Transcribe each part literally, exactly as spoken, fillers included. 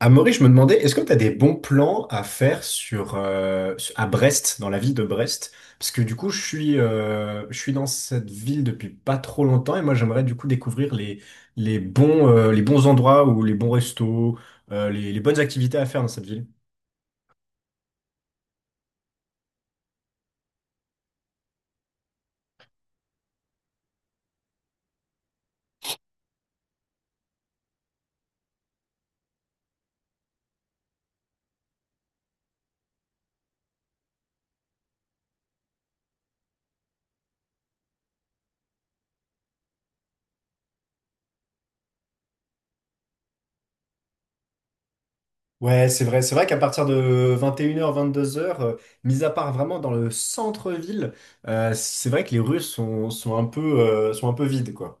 Amaury, je me demandais, est-ce que tu as des bons plans à faire sur, euh, à Brest, dans la ville de Brest? Parce que du coup, je suis, euh, je suis dans cette ville depuis pas trop longtemps et moi, j'aimerais du coup découvrir les, les bons, euh, les bons endroits ou les bons restos, euh, les, les bonnes activités à faire dans cette ville. Ouais, c'est vrai. C'est vrai qu'à partir de vingt et une heures, vingt-deux heures, euh, mis à part vraiment dans le centre-ville, euh, c'est vrai que les rues sont, sont un peu, euh, sont un peu vides, quoi.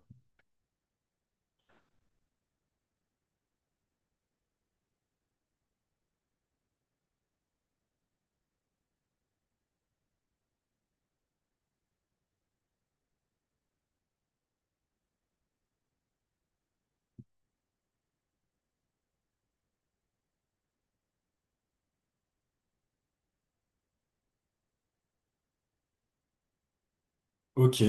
Ok.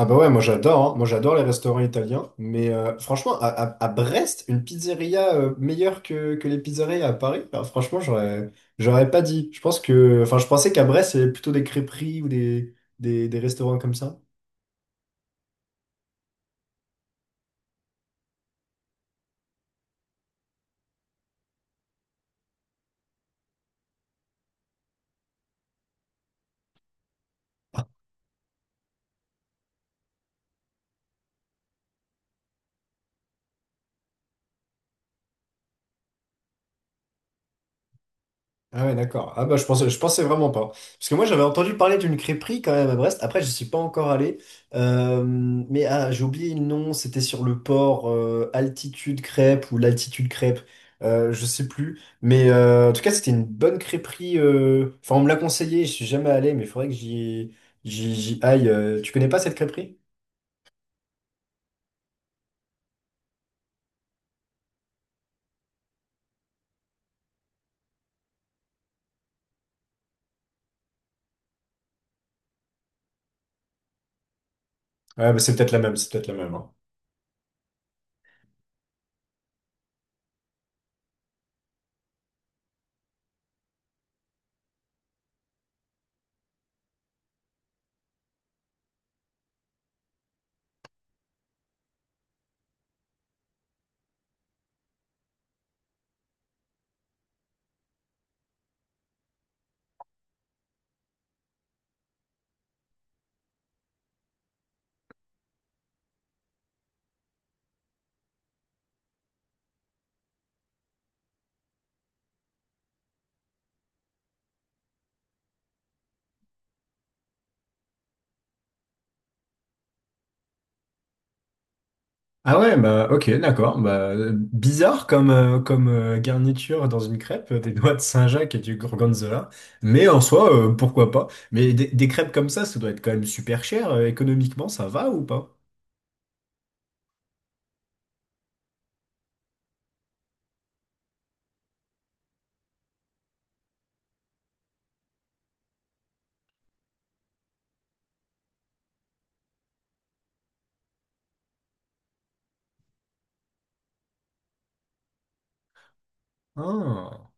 Ah bah ouais, moi j'adore, hein. Moi j'adore les restaurants italiens, mais euh, franchement, à, à- à Brest, une pizzeria euh, meilleure que, que les pizzerias à Paris, alors franchement, j'aurais, j'aurais pas dit. Je pense que, enfin, je pensais qu'à Brest, c'est plutôt des crêperies ou des, des, des restaurants comme ça. Ah ouais, d'accord. Ah bah je pensais, je pensais vraiment pas. Parce que moi j'avais entendu parler d'une crêperie quand même à Brest. Après, je suis pas encore allé. Euh, mais ah, j'ai oublié le nom, c'était sur le port euh, Altitude Crêpe ou l'Altitude Crêpe. Euh, je sais plus. Mais euh, en tout cas, c'était une bonne crêperie. euh, Enfin, on me l'a conseillé, je suis jamais allé, mais il faudrait que j'y j'y j'y aille. euh. Tu connais pas cette crêperie? Ouais, bah c'est peut-être la même, c'est peut-être la même. hein. Ah ouais, bah ok, d'accord. Bah, bizarre comme, euh, comme euh, garniture dans une crêpe, euh, des noix de Saint-Jacques et du gorgonzola. Mais en soi, euh, pourquoi pas? Mais des, des crêpes comme ça, ça doit être quand même super cher. Euh, économiquement, ça va ou pas? Ah,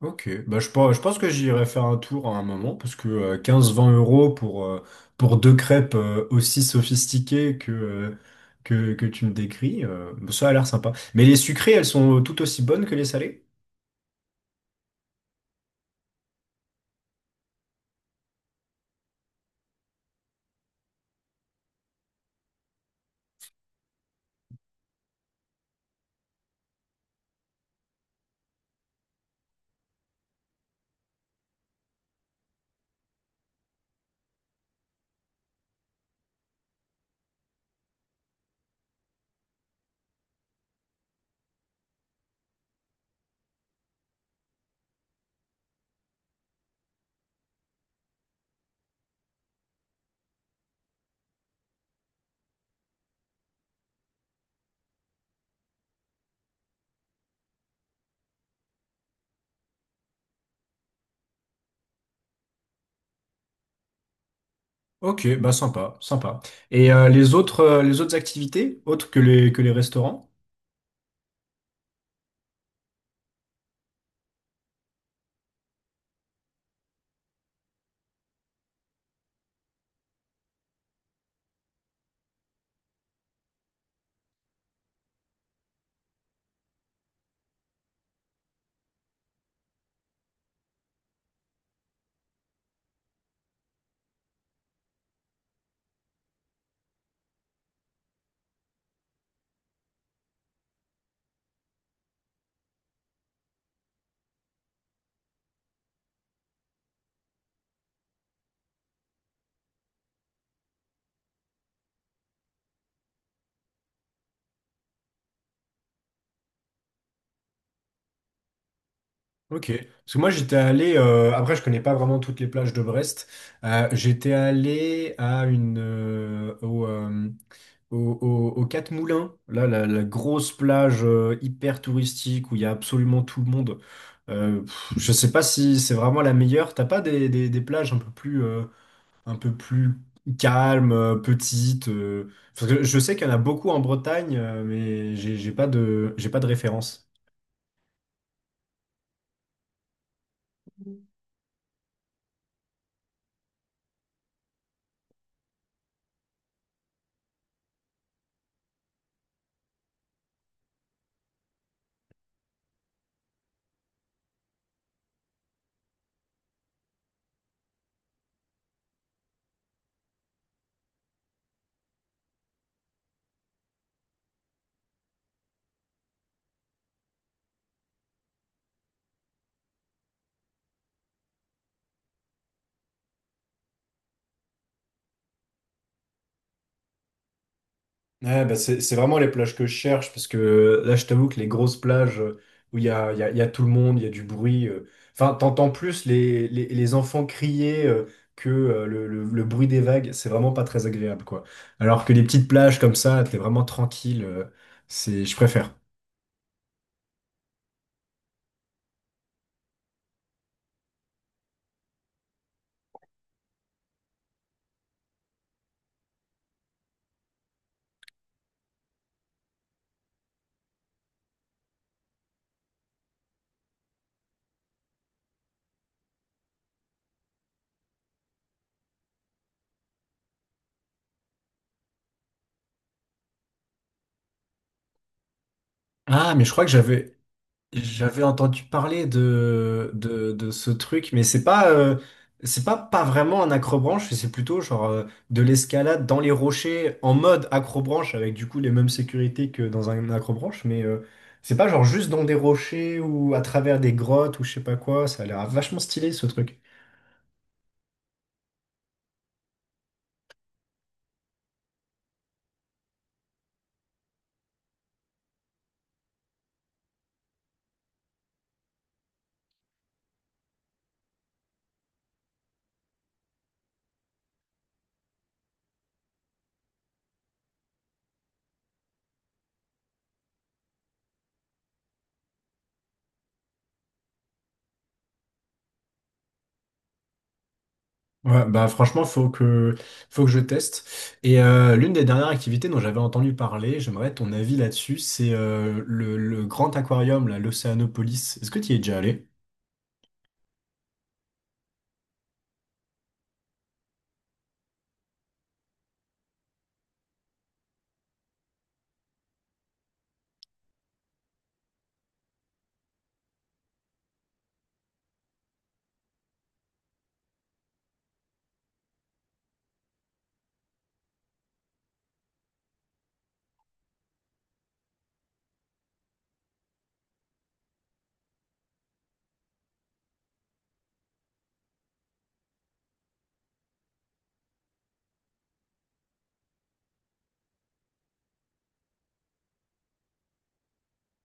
ok. Bah, je, pense- je pense que j'irai faire un tour à un moment, parce que euh, quinze vingt euros pour, euh, pour deux crêpes euh, aussi sophistiquées que, euh, que, que tu me décris, euh, ça a l'air sympa. Mais les sucrées, elles sont tout aussi bonnes que les salées? Ok, bah sympa, sympa. Et euh, les autres, euh, les autres activités, autres que les, que les restaurants? Ok. Parce que moi j'étais allé, euh, après je connais pas vraiment toutes les plages de Brest. Euh, j'étais allé à une, euh, au, euh, au, au- aux Quatre Moulins, là, la, la grosse plage euh, hyper touristique où il y a absolument tout le monde. Euh, pff, je sais pas si c'est vraiment la meilleure. T'as pas des, des, des plages un peu plus euh, un peu plus calme, euh, petite. Euh, parce que je sais qu'il y en a beaucoup en Bretagne, euh, mais j'ai j'ai pas de, j'ai pas de référence. Ouais, bah c'est c'est vraiment les plages que je cherche, parce que euh, là, je t'avoue que les grosses plages euh, où il y a, il y a, il y a tout le monde, il y a du bruit, euh, enfin, t'entends plus les, les, les enfants crier euh, que euh, le, le, le bruit des vagues, c'est vraiment pas très agréable, quoi. Alors que les petites plages comme ça, t'es vraiment tranquille, euh, c'est, je préfère. Ah, mais je crois que j'avais, j'avais entendu parler de, de, de ce truc, mais c'est pas, euh, c'est pas, pas vraiment un accrobranche, c'est plutôt genre euh, de l'escalade dans les rochers en mode accrobranche avec du coup les mêmes sécurités que dans un accrobranche, mais euh, c'est pas genre juste dans des rochers ou à travers des grottes ou je sais pas quoi, ça a l'air vachement stylé ce truc. Ouais, bah franchement, faut que, faut que je teste. Et euh, l'une des dernières activités dont j'avais entendu parler, j'aimerais ton avis là-dessus, c'est euh, le, le grand aquarium, là, l'Océanopolis. Est-ce que tu y es déjà allé?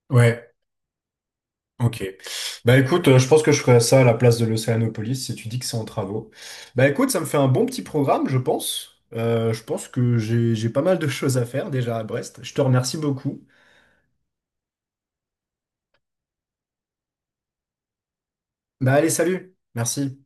Ouais, Ok. Bah écoute, euh, je pense que je ferais ça à la place de l'Océanopolis si tu dis que c'est en travaux. Bah écoute, ça me fait un bon petit programme, je pense. Euh, je pense que j'ai j'ai pas mal de choses à faire déjà à Brest. Je te remercie beaucoup. Bah allez, salut. Merci.